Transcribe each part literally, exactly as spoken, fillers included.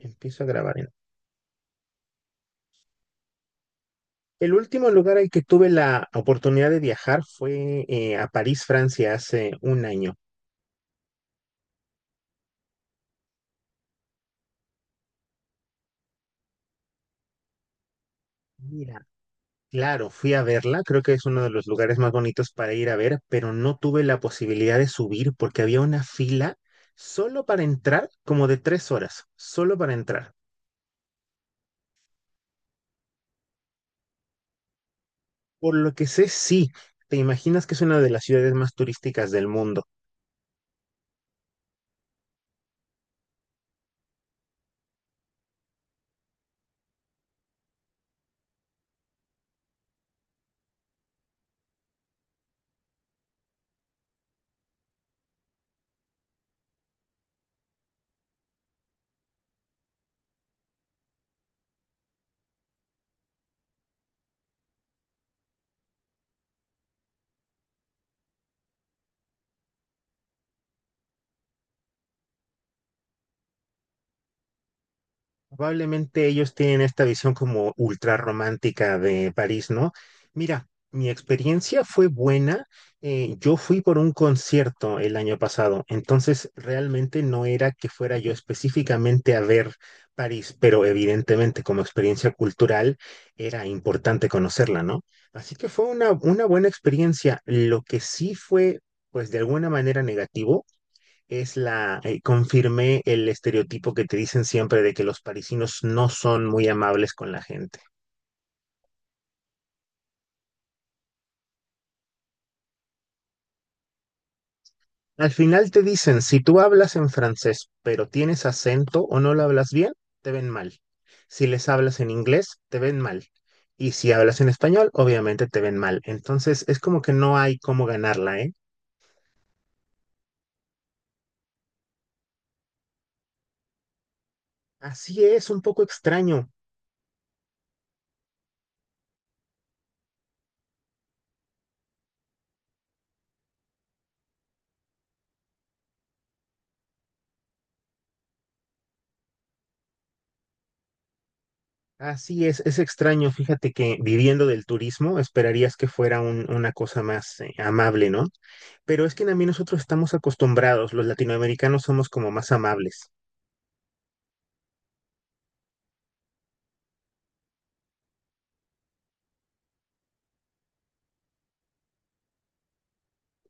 Empiezo a grabar. en- El último lugar al que tuve la oportunidad de viajar fue eh, a París, Francia, hace un año. Mira. Claro, fui a verla, creo que es uno de los lugares más bonitos para ir a ver, pero no tuve la posibilidad de subir porque había una fila solo para entrar, como de tres horas, solo para entrar. Por lo que sé, sí, te imaginas que es una de las ciudades más turísticas del mundo. Probablemente ellos tienen esta visión como ultra romántica de París, ¿no? Mira, mi experiencia fue buena. Eh, yo fui por un concierto el año pasado, entonces realmente no era que fuera yo específicamente a ver París, pero evidentemente como experiencia cultural era importante conocerla, ¿no? Así que fue una, una buena experiencia. Lo que sí fue, pues de alguna manera negativo es la, eh, confirmé el estereotipo que te dicen siempre de que los parisinos no son muy amables con la gente. Al final te dicen, si tú hablas en francés, pero tienes acento o no lo hablas bien, te ven mal. Si les hablas en inglés, te ven mal. Y si hablas en español, obviamente te ven mal. Entonces es como que no hay cómo ganarla, ¿eh? Así es, un poco extraño. Así es, es extraño. Fíjate que viviendo del turismo, esperarías que fuera un- una cosa más eh, amable, ¿no? Pero es que también nosotros estamos acostumbrados, los latinoamericanos somos como más amables.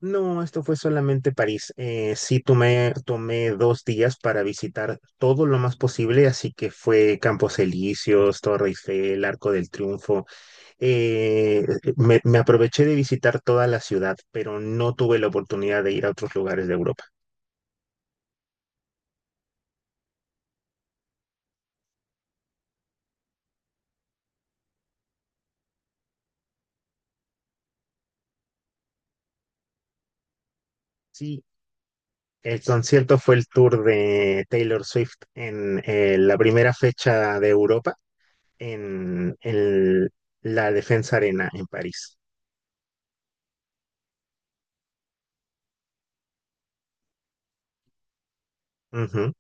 No, esto fue solamente París. Eh, sí tomé, tomé dos días para visitar todo lo más posible, así que fue Campos Elíseos, Torre Eiffel, Arco del Triunfo. Eh, me, me aproveché de visitar toda la ciudad, pero no tuve la oportunidad de ir a otros lugares de Europa. Sí, el concierto fue el tour de Taylor Swift en eh, la primera fecha de Europa en el- la Defensa Arena en París. Ujú.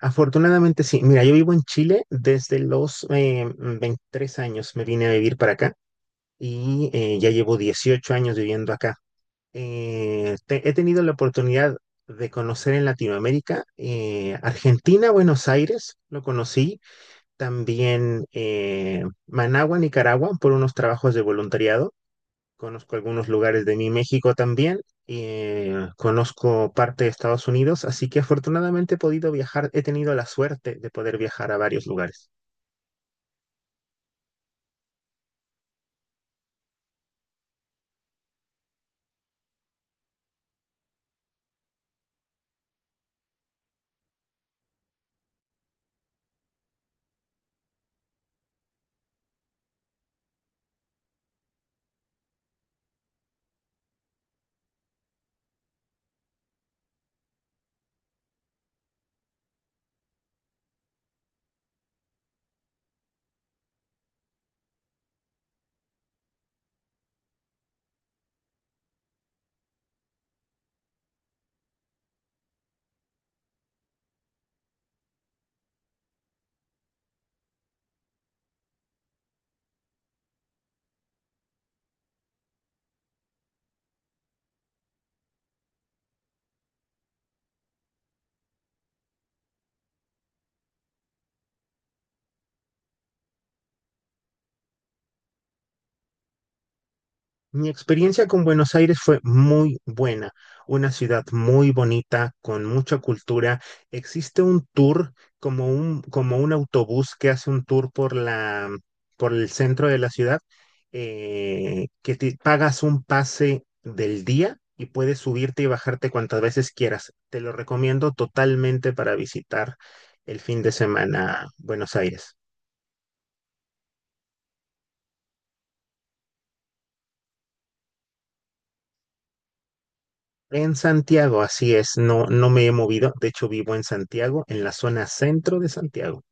Afortunadamente sí. Mira, yo vivo en Chile desde los eh, veintitrés años. Me vine a vivir para acá y eh, ya llevo dieciocho años viviendo acá. Eh, te- he tenido la oportunidad de conocer en Latinoamérica, eh, Argentina, Buenos Aires, lo conocí, también eh, Managua, Nicaragua, por unos trabajos de voluntariado. Conozco algunos lugares de mi México también, eh, conozco parte de Estados Unidos, así que afortunadamente he podido viajar, he tenido la suerte de poder viajar a varios lugares. Mi experiencia con Buenos Aires fue muy buena, una ciudad muy bonita, con mucha cultura. Existe un tour, como un, como un autobús que hace un tour por la, por el centro de la ciudad, eh, que te pagas un pase del día y puedes subirte y bajarte cuantas veces quieras. Te lo recomiendo totalmente para visitar el fin de semana Buenos Aires. En Santiago, así es, no, no me he movido, de hecho vivo en Santiago, en la zona centro de Santiago.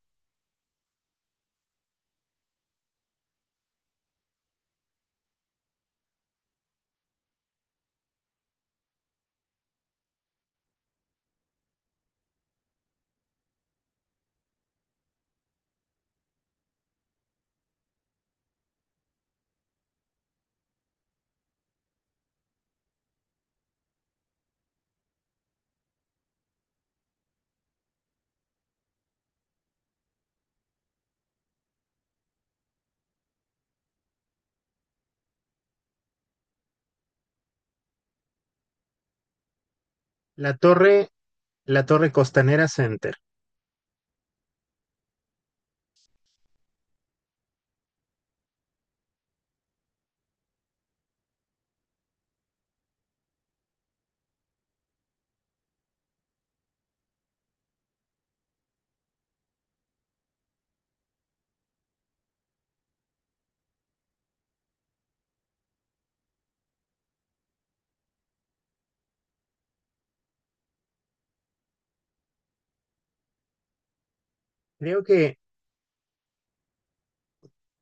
La torre, la torre Costanera Center. Creo que,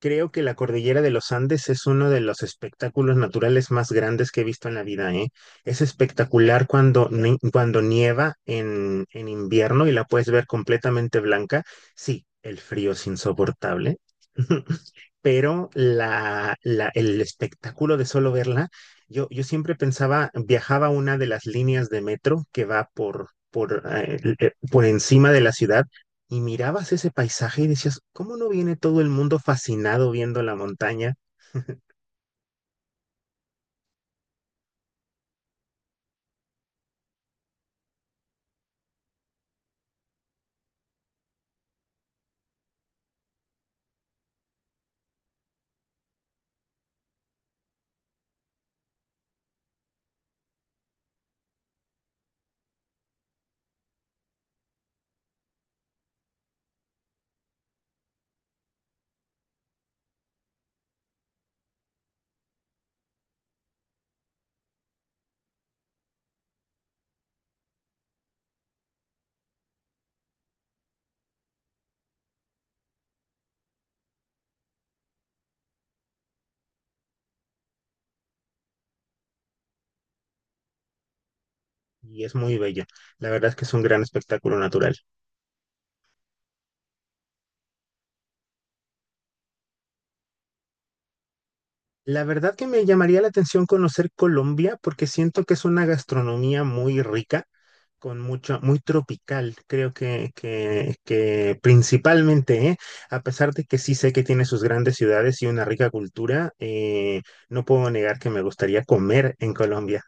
creo que la cordillera de los Andes es uno de los espectáculos naturales más grandes que he visto en la vida, ¿eh? Es espectacular cuando, ni- cuando nieva en, en invierno y la puedes ver completamente blanca. Sí, el frío es insoportable. Pero la, la- el espectáculo de solo verla, yo, yo siempre pensaba, viajaba a una de las líneas de metro que va por, por, eh, l- eh, por encima de la ciudad y mirabas ese paisaje y decías, ¿cómo no viene todo el mundo fascinado viendo la montaña? Y es muy bello. La verdad es que es un gran espectáculo natural. La verdad que me llamaría la atención conocer Colombia porque siento que es una gastronomía muy rica, con mucho, muy tropical, creo que, que, que principalmente, ¿eh? A pesar de que sí sé que tiene sus grandes ciudades y una rica cultura, eh, no puedo negar que me gustaría comer en Colombia.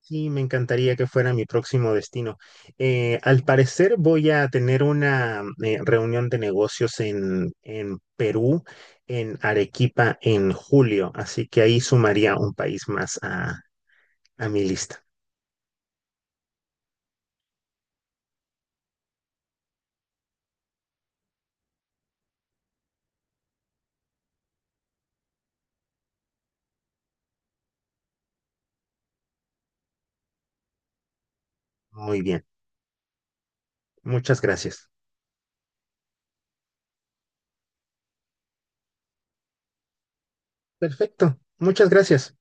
Sí, me encantaría que fuera mi próximo destino. Eh, al parecer voy a tener una eh, reunión de negocios en, en Perú, en Arequipa, en julio, así que ahí sumaría un país más a, a mi lista. Muy bien, muchas gracias. Perfecto, muchas gracias.